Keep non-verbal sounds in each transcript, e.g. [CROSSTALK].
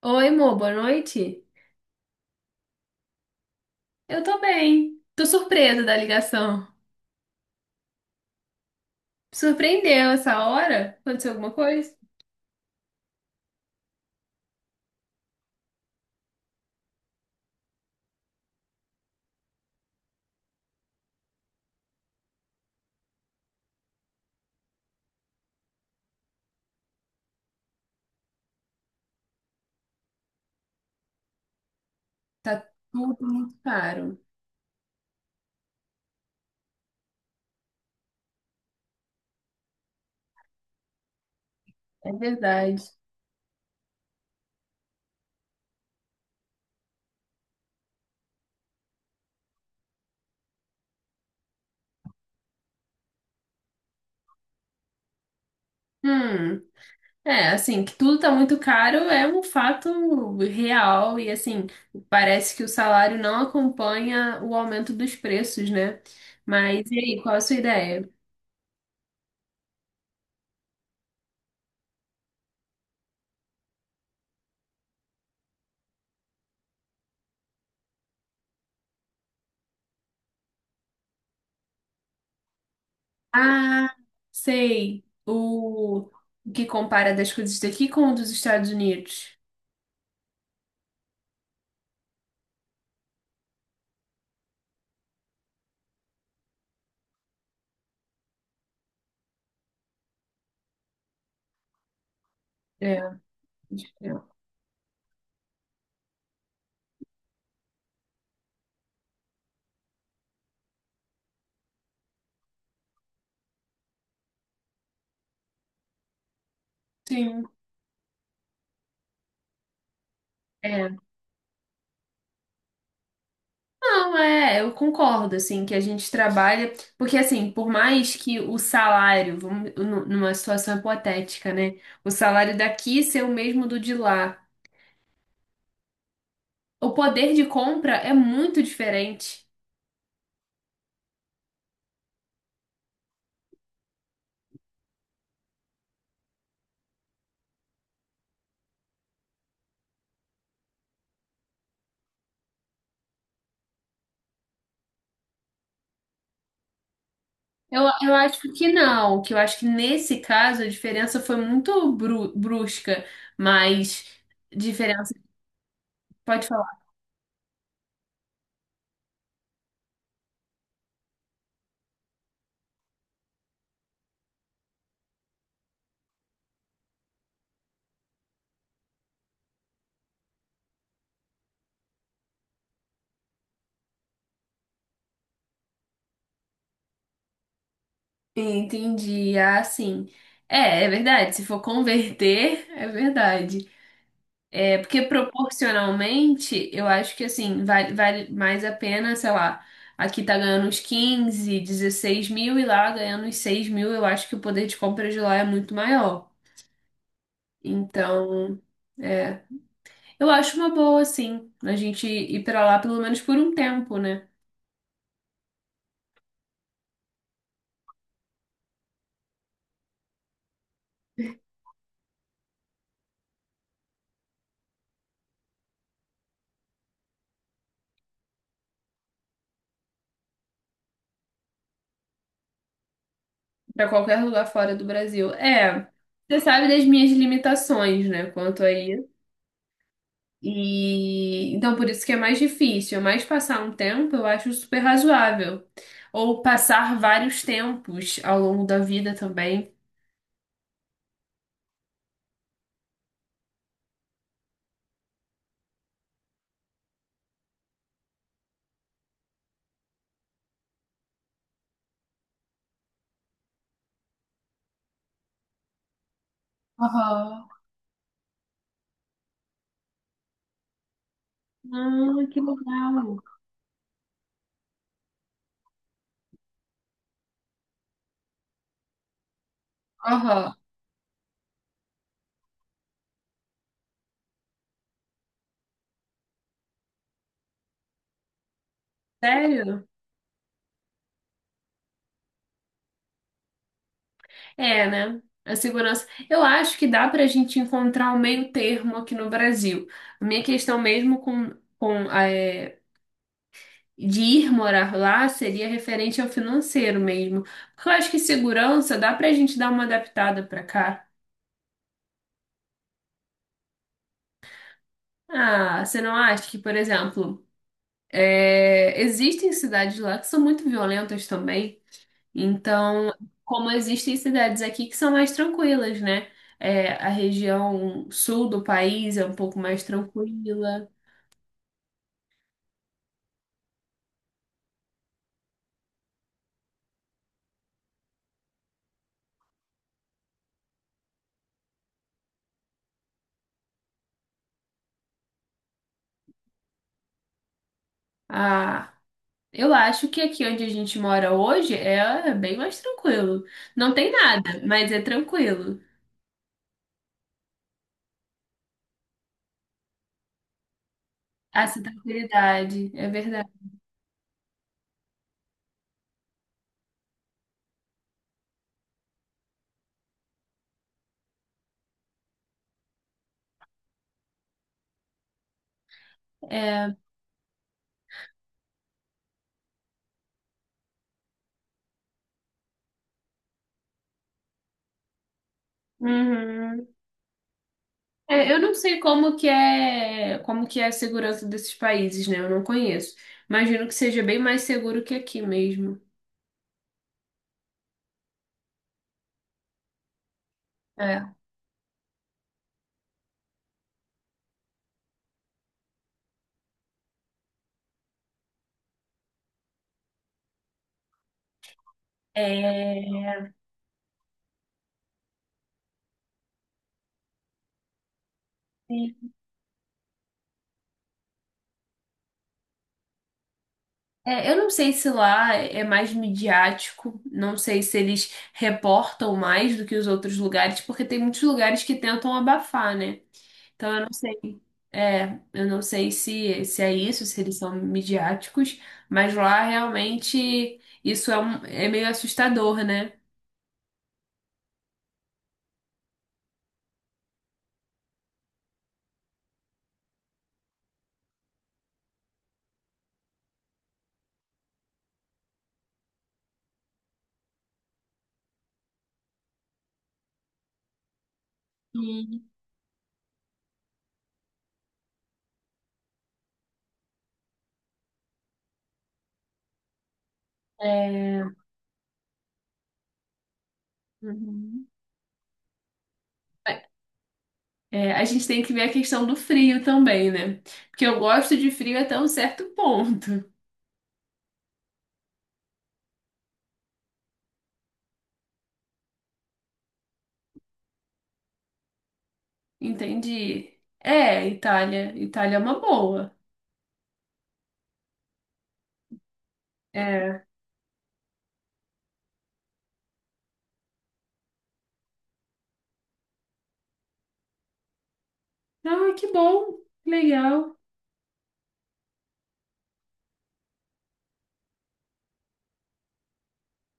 Oi, amor, boa noite. Eu tô bem. Tô surpresa da ligação. Surpreendeu essa hora? Aconteceu alguma coisa? Tá tudo muito caro. É verdade. Hum, É, assim, que tudo tá muito caro é um fato real e, assim, parece que o salário não acompanha o aumento dos preços, né? Mas e aí, qual a sua ideia? Ah, sei. O que compara das coisas daqui com o dos Estados Unidos. É. Sim. É. Não, é, eu concordo, assim, que a gente trabalha, porque assim, por mais que o salário, vamos, numa situação hipotética, né? O salário daqui ser o mesmo do de lá, o poder de compra é muito diferente. Eu acho que não, que eu acho que nesse caso a diferença foi muito brusca, mas diferença, pode falar. Entendi, ah, sim. É, é verdade, se for converter, é verdade. É porque proporcionalmente, eu acho que assim, vale mais a pena, sei lá, aqui tá ganhando uns 15, 16 mil e lá ganhando uns 6 mil, eu acho que o poder de compra de lá é muito maior. Então, é. Eu acho uma boa, assim, a gente ir pra lá pelo menos por um tempo, né? Pra qualquer lugar fora do Brasil. É, você sabe das minhas limitações, né? Quanto aí. E então por isso que é mais difícil, mas passar um tempo eu acho super razoável. Ou passar vários tempos ao longo da vida também. Aham. Ah, que legal. Aham. Sério? É, né? A segurança. Eu acho que dá pra gente encontrar um meio termo aqui no Brasil. A minha questão mesmo com é, de ir morar lá seria referente ao financeiro mesmo. Porque eu acho que segurança dá pra gente dar uma adaptada pra cá. Ah, você não acha que, por exemplo, é, existem cidades lá que são muito violentas também? Então, como existem cidades aqui que são mais tranquilas, né? É, a região sul do país é um pouco mais tranquila. Ah, eu acho que aqui onde a gente mora hoje é bem mais tranquilo. Não tem nada, mas é tranquilo. Essa tranquilidade, é verdade. Uhum. É, eu não sei como que é a segurança desses países, né? Eu não conheço. Imagino que seja bem mais seguro que aqui mesmo. É. É, sim. É, eu não sei se lá é mais midiático, não sei se eles reportam mais do que os outros lugares, porque tem muitos lugares que tentam abafar, né? Então eu não sei. É, eu não sei se é isso, se eles são midiáticos, mas lá realmente isso é, é meio assustador, né? É, uhum. É, a gente tem que ver a questão do frio também, né? Porque eu gosto de frio até um certo ponto. [LAUGHS] Entendi. É, Itália. Itália é uma boa. É. Ah, que bom. Legal.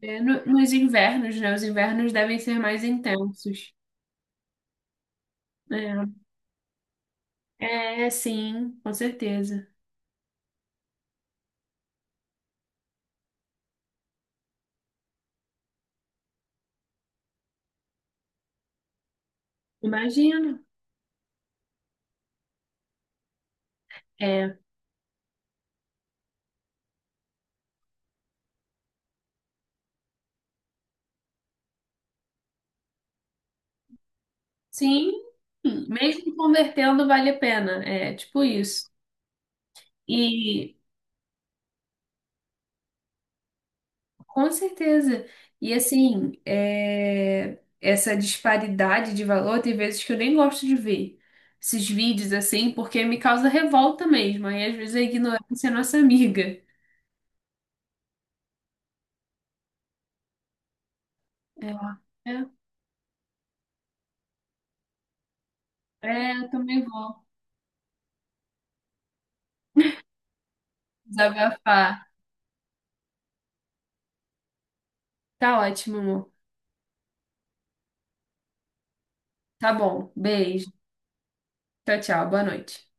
É, no- nos invernos, né? Os invernos devem ser mais intensos. É, é sim, com certeza. Imagino. É, sim. Mesmo convertendo, vale a pena. É tipo isso. E com certeza. E assim, é, essa disparidade de valor tem vezes que eu nem gosto de ver esses vídeos assim, porque me causa revolta mesmo. Aí às vezes a ignorância é nossa amiga. É, é, é, eu também vou desabafar. Tá ótimo, amor. Tá bom. Beijo. Tchau, tchau. Boa noite.